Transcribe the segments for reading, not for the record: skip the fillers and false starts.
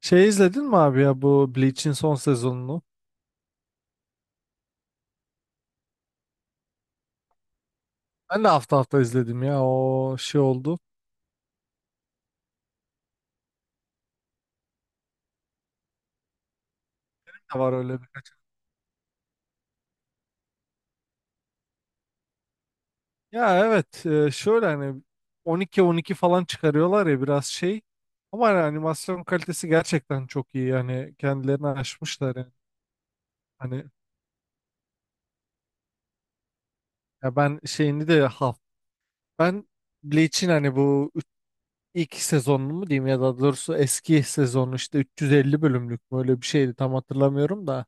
Şey izledin mi abi ya bu Bleach'in son sezonunu? Ben de hafta hafta izledim ya o şey oldu. Ne var öyle bir. Ya evet, şöyle hani 12-12 falan çıkarıyorlar ya biraz şey. Ama hani animasyon kalitesi gerçekten çok iyi yani kendilerini aşmışlar yani. Hani ya ben şeyini de ben Bleach'in hani bu ilk sezonunu mu diyeyim ya da doğrusu eski sezonu işte 350 bölümlük mü öyle bir şeydi tam hatırlamıyorum da.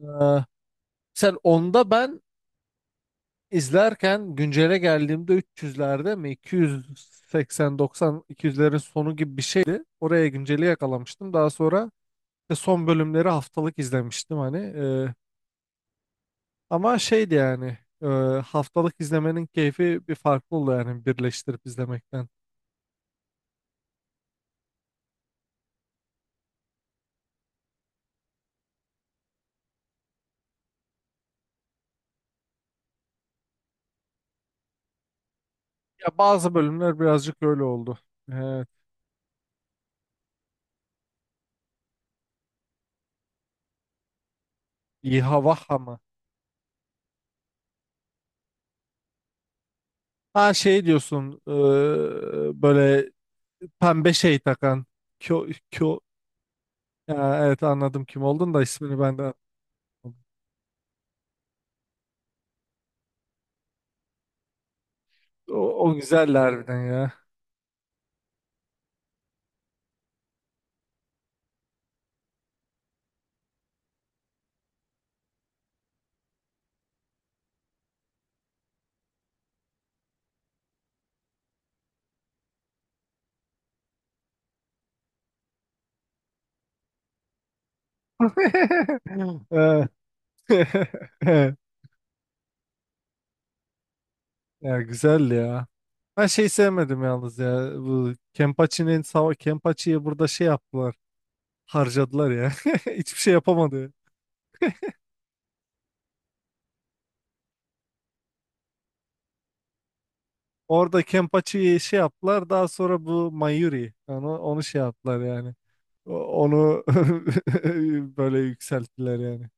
Ee, sen onda ben İzlerken güncele geldiğimde 300'lerde mi, 280 90 200'lerin sonu gibi bir şeydi. Oraya günceli yakalamıştım. Daha sonra işte son bölümleri haftalık izlemiştim hani. Ama şeydi yani, haftalık izlemenin keyfi bir farklı oldu yani birleştirip izlemekten. Ya bazı bölümler birazcık öyle oldu. Evet. İHA VAHA mı? Ha şey diyorsun, böyle pembe şey takan. Kyo, kyo, ya evet anladım kim oldun da ismini ben de. O, o güzeldi harbiden ya. Evet. Ya güzeldi ya. Ben şey sevmedim yalnız ya. Bu Kempachi'nin Kempachi'yi burada şey yaptılar. Harcadılar ya. Hiçbir şey yapamadı. Orada Kempachi'yi şey yaptılar. Daha sonra bu Mayuri. Onu şey yaptılar yani. O- Onu böyle yükselttiler yani.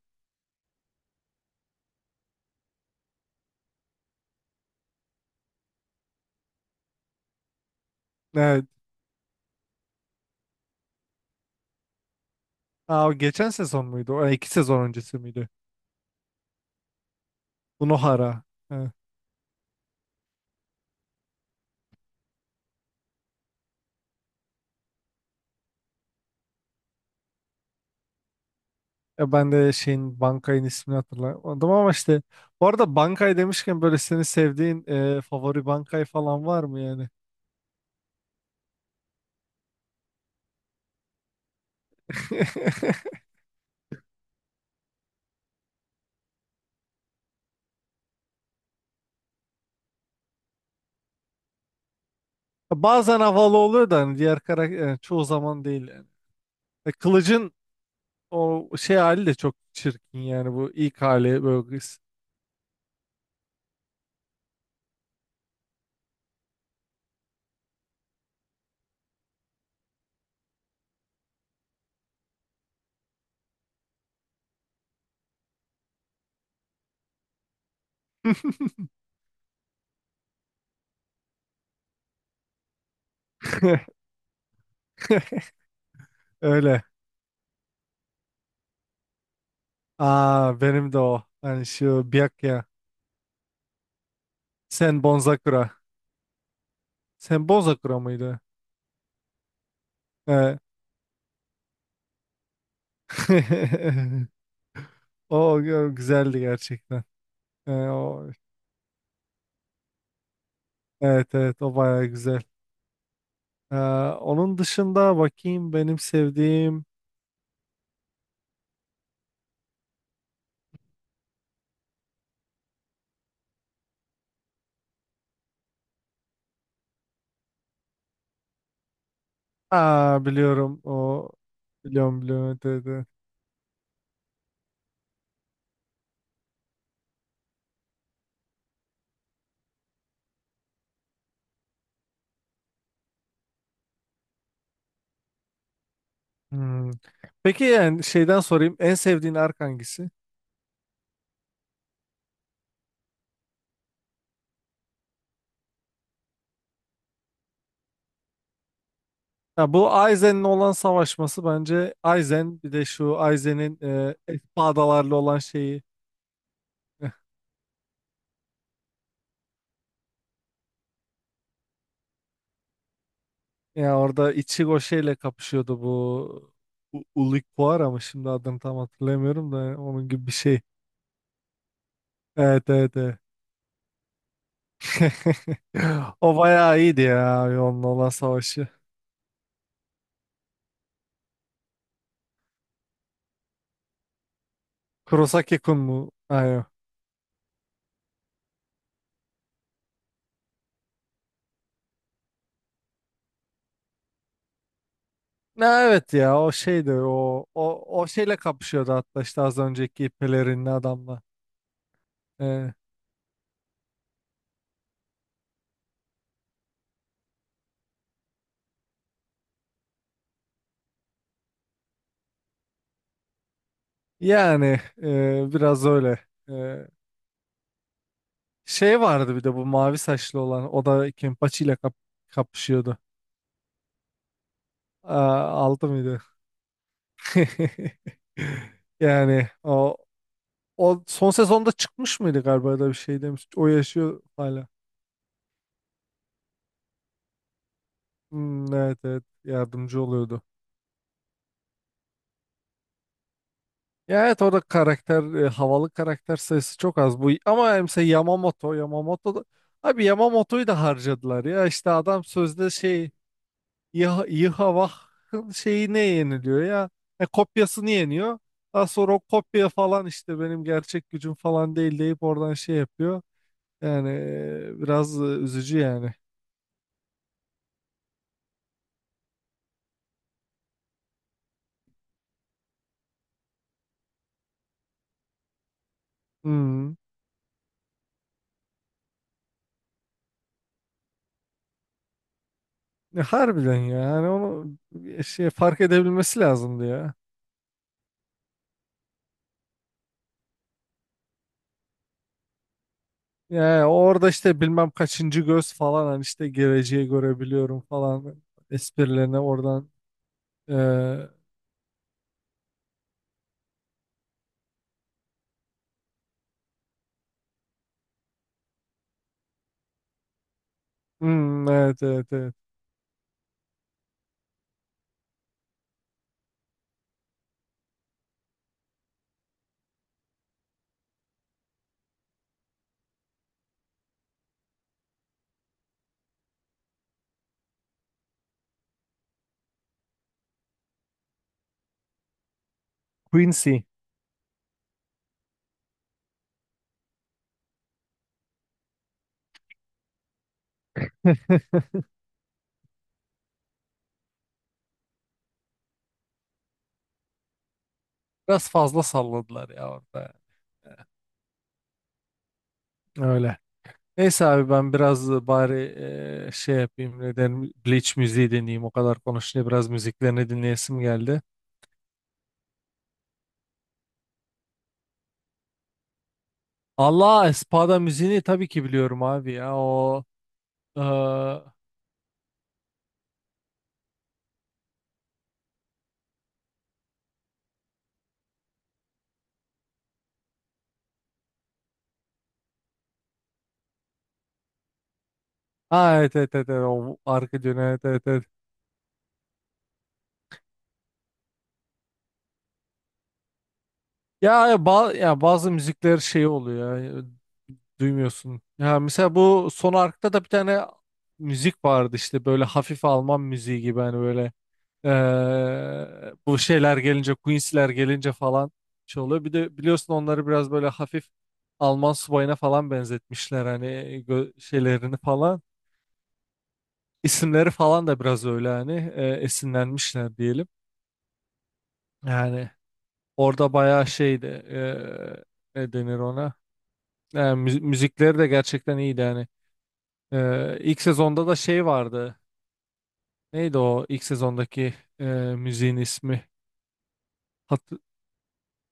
Evet. Aa, o geçen sezon muydu? O iki sezon öncesi miydi? Bu Nohara. Ya ben de şeyin Bankay'ın ismini hatırlamadım ama işte bu arada Bankay demişken böyle senin sevdiğin, favori Bankay falan var mı yani? Bazen havalı oluyor da hani diğer karakter çoğu zaman değil yani. E, Kılıç'ın o şey hali de çok çirkin yani, bu ilk hali böyle kız. Öyle. Aa, benim de o. Hani şu Byakuya. Sen Bonzakura. Sen Bonzakura mıydı? Evet. O güzeldi gerçekten. E, o. Evet, evet, o baya güzel. Ee, onun dışında bakayım benim sevdiğim. Aa, biliyorum o. Biliyorum, biliyorum. Evet, evet, evet. Hmm. Peki yani şeyden sorayım, en sevdiğin ark hangisi? Ya bu Aizen'le olan savaşması bence Aizen, bir de şu Aizen'in, espadalarla olan şeyi. Ya orada Ichigo şeyle kapışıyordu, bu Ulquiorra, ama şimdi adını tam hatırlamıyorum da, onun gibi bir şey. Evet, evet, evet. O bayağı iyiydi ya abi, onun olan savaşı. Kurosaki-kun mu? Aynen. Ha, evet ya, o şeydi. O şeyle kapışıyordu, hatta işte az önceki pelerinli adamla. Ee, yani, biraz öyle. Ee, şey vardı bir de, bu mavi saçlı olan, o da Kenpachi ile kapışıyordu. Aa, aldı mıydı? Yani o, o son sezonda çıkmış mıydı galiba da bir şey demiş. O yaşıyor hala. Hmm, evet, evet, yardımcı oluyordu. Ya evet, orada karakter, havalı karakter sayısı çok az bu ama, mesela Yamamoto Yamamoto da, abi Yamamoto'yu da harcadılar ya, işte adam sözde şey, Yıhavah'ın şeyi ne yeniliyor ya, kopyasını yeniyor. Daha sonra o kopya falan işte benim gerçek gücüm falan değil deyip oradan şey yapıyor. Yani biraz üzücü yani. Hmm. Ya harbiden ya. Yani onu, şey fark edebilmesi lazımdı ya. Yani orada işte bilmem kaçıncı göz falan, hani işte geleceği görebiliyorum falan esprilerine oradan, eee, hmm, evet, evet, evet. Quincy. Biraz fazla salladılar ya orada. Öyle. Neyse abi, ben biraz bari şey yapayım, neden Bleach müziği dinleyeyim, o kadar konuşunca biraz müziklerini dinleyesim geldi. Allah, Espada müziğini tabii ki biliyorum abi ya, o eee, ha evet, evet, evet, evet, o arka dönüyor, evet, evet, evet. Ya, ya, ya bazı müzikler şey oluyor ya, duymuyorsun. Ya mesela bu son arkta da bir tane müzik vardı, işte böyle hafif Alman müziği gibi hani, böyle bu şeyler gelince, Queen's'ler gelince falan şey oluyor. Bir de biliyorsun, onları biraz böyle hafif Alman subayına falan benzetmişler hani, şeylerini falan. İsimleri falan da biraz öyle hani, esinlenmişler diyelim. Yani orada bayağı şeydi, ne denir ona? Yani müzikleri de gerçekten iyiydi yani. İlk sezonda da şey vardı. Neydi o ilk sezondaki, müziğin ismi? Hat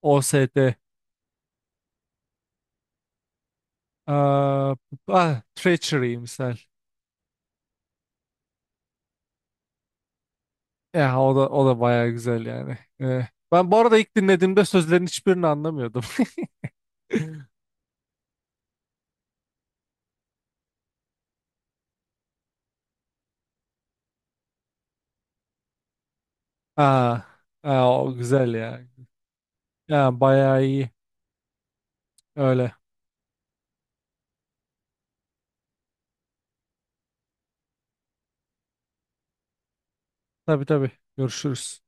OST. Aa, ah, Treachery misal. Ya o da, o da bayağı güzel yani. Ben bu arada ilk dinlediğimde sözlerin hiçbirini anlamıyordum. Aa, aa, o güzel ya. Ya bayağı iyi. Öyle. Tabii, tabii. Görüşürüz.